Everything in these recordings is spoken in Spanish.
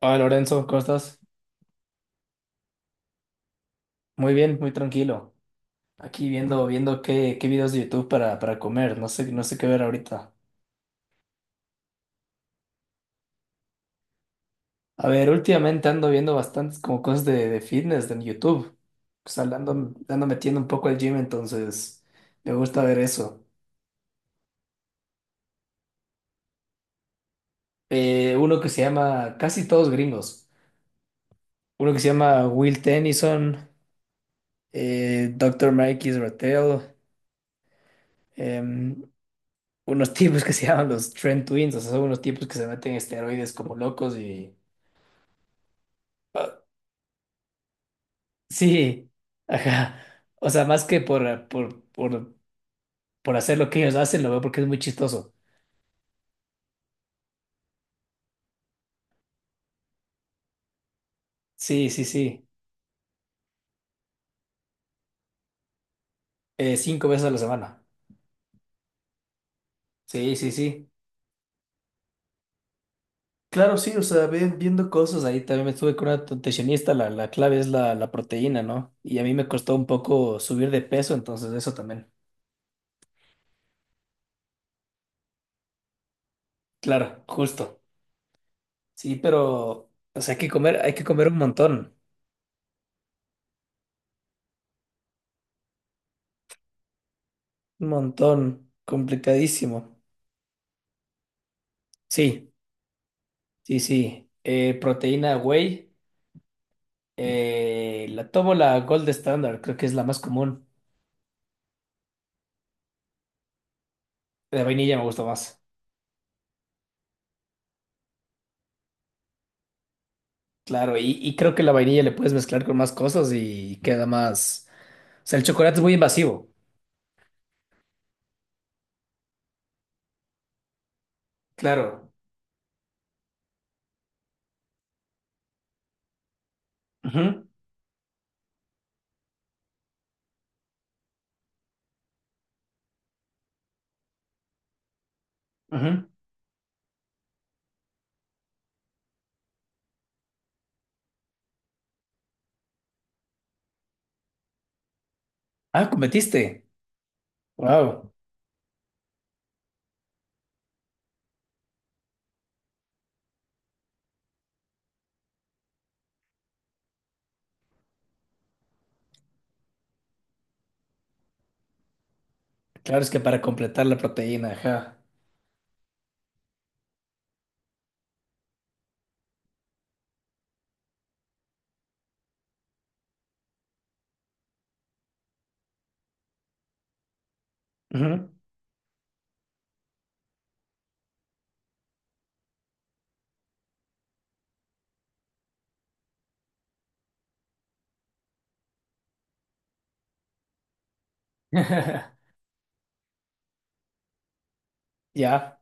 Hola Lorenzo, ¿cómo estás? Muy bien, muy tranquilo. Aquí viendo qué videos de YouTube para comer. No sé qué ver ahorita. A ver, últimamente ando viendo bastantes como cosas de fitness en YouTube. O sea, le ando metiendo un poco al gym, entonces me gusta ver eso. Uno que se llama, casi todos gringos. Uno que se llama Will Tennyson, Dr. Mike Israel, em, unos tipos que se llaman los Trend Twins. O sea, son unos tipos que se meten esteroides como locos y ah, sí, ajá. O sea, más que por hacer lo que ellos hacen, lo veo porque es muy chistoso. Sí, sí, sí. Cinco veces a la semana. Sí, sí, sí. Claro, sí, o sea, viendo cosas. Ahí también me estuve con una nutricionista. La clave es la proteína, ¿no? Y a mí me costó un poco subir de peso, entonces eso también. Claro, justo. Sí, pero, o sea, hay que comer un montón. Un montón. Complicadísimo. Sí, sí, sí. Proteína whey. La tomo la Gold Standard, creo que es la más común. La vainilla me gusta más. Claro, y creo que la vainilla le puedes mezclar con más cosas y queda más. O sea, el chocolate es muy invasivo. Claro. Ujú, ujú. Ah, cometiste. Wow. Claro, es que para completar la proteína, ajá. Ujú. Ya,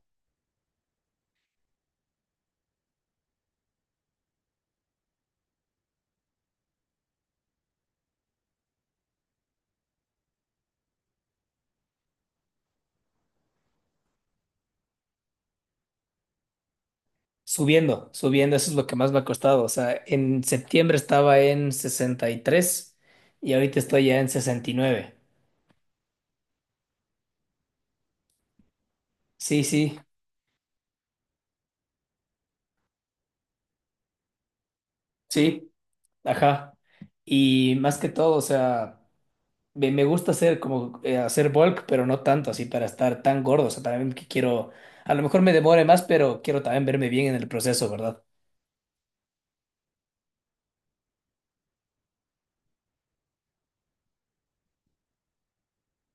subiendo, subiendo, eso es lo que más me ha costado. O sea, en septiembre estaba en 63 y ahorita estoy ya en 69. Sí, sí, sí. Ajá. Y más que todo, o sea, me gusta hacer como hacer bulk, pero no tanto así para estar tan gordo. O sea, también que quiero, a lo mejor me demore más, pero quiero también verme bien en el proceso, ¿verdad?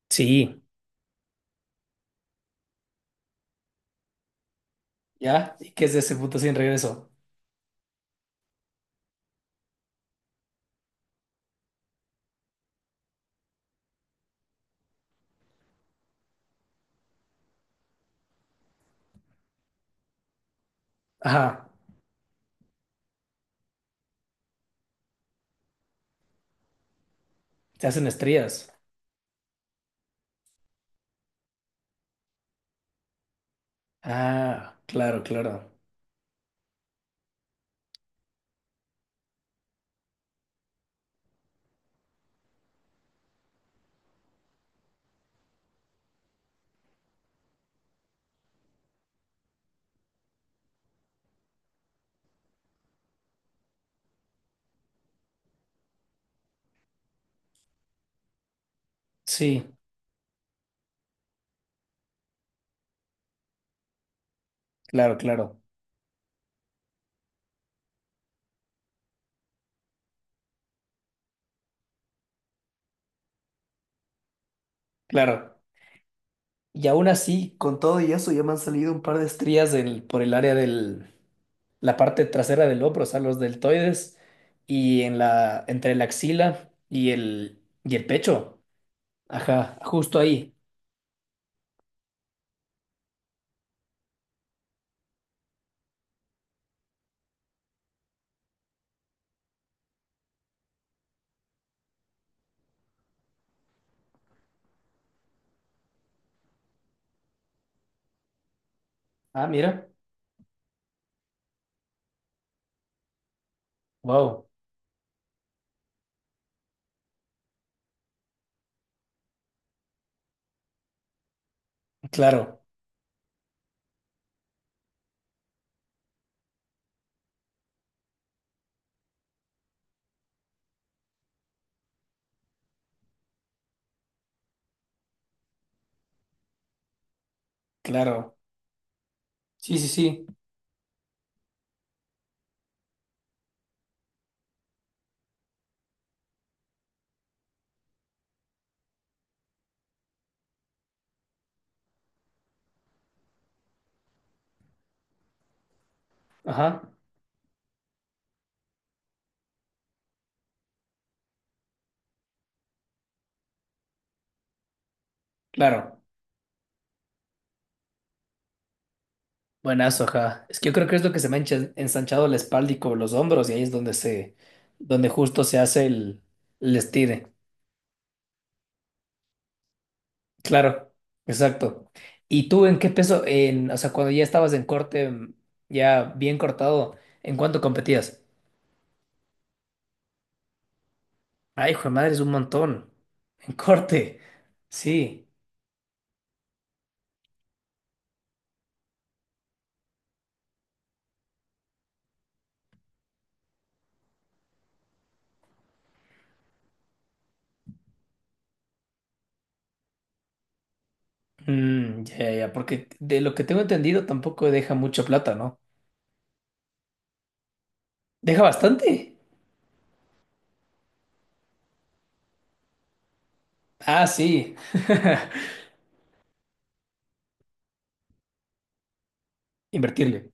Sí. ¿Ya? ¿Y qué es de ese punto sin regreso? Ajá. Se hacen estrías. Ah, claro, claro. Sí, claro, claro. Claro. Y aún así, con todo y eso, ya me han salido un par de estrías por el área la parte trasera del hombro, o sea, los deltoides, y entre la axila y el pecho. Ajá, justo ahí. Ah, mira. Wow. Claro, claro. Sí, sí, sí. Ajá, claro. Buenazo, ajá. Es que yo creo que es lo que se me ha ensanchado la espalda y como los hombros, y ahí es donde donde justo se hace el estire. Claro, exacto. ¿Y tú en qué peso, o sea, cuando ya estabas en corte, ya bien cortado, ¿en cuánto competías? Ay, hijo de madre, es un montón. En corte, sí. Ya, ya, ya, porque de lo que tengo entendido tampoco deja mucha plata, ¿no? ¿Deja bastante? Ah, sí. Invertirle.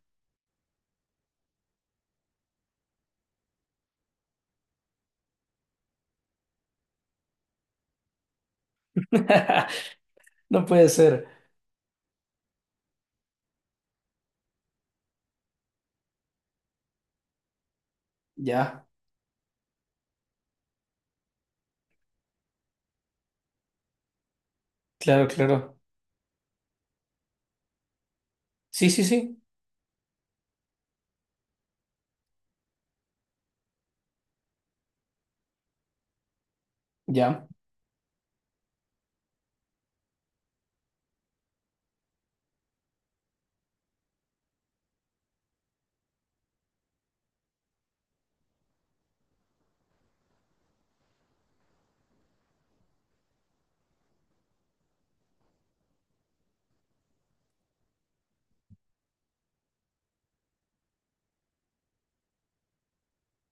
No puede ser. Ya, claro, claro. Sí, sí, sí. Ya.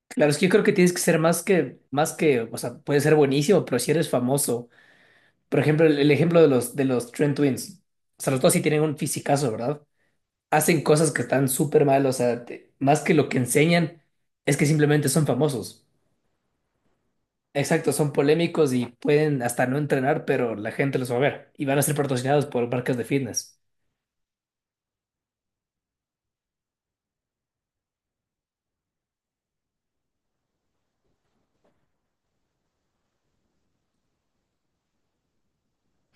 Claro, es que yo creo que tienes que ser más que, o sea, puedes ser buenísimo, pero si eres famoso. Por ejemplo, el ejemplo de los Trent Twins. O sea, los dos sí tienen un fisicazo, ¿verdad? Hacen cosas que están súper mal, o sea, más que lo que enseñan, es que simplemente son famosos. Exacto, son polémicos y pueden hasta no entrenar, pero la gente los va a ver. Y van a ser patrocinados por marcas de fitness.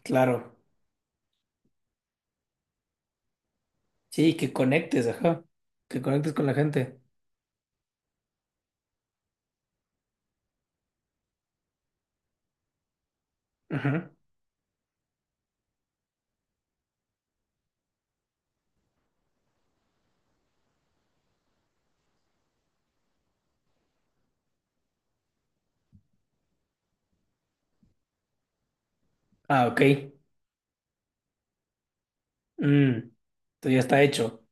Claro. Sí, que conectes, ajá. Que conectes con la gente. Ajá. Ah, ok. Mm, Esto ya está hecho.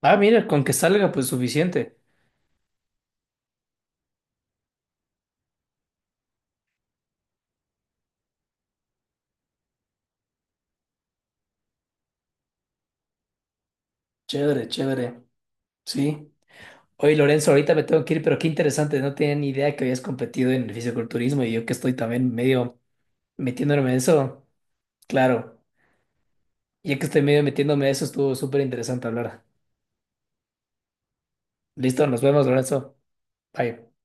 Ah, mira, con que salga, pues suficiente. Chévere, chévere. Sí. Oye, Lorenzo, ahorita me tengo que ir, pero qué interesante, no tenía ni idea que habías competido en el fisiculturismo y yo que estoy también medio metiéndome en eso. Claro, ya que estoy medio metiéndome en eso, estuvo súper interesante hablar. Listo, nos vemos, Lorenzo. Bye.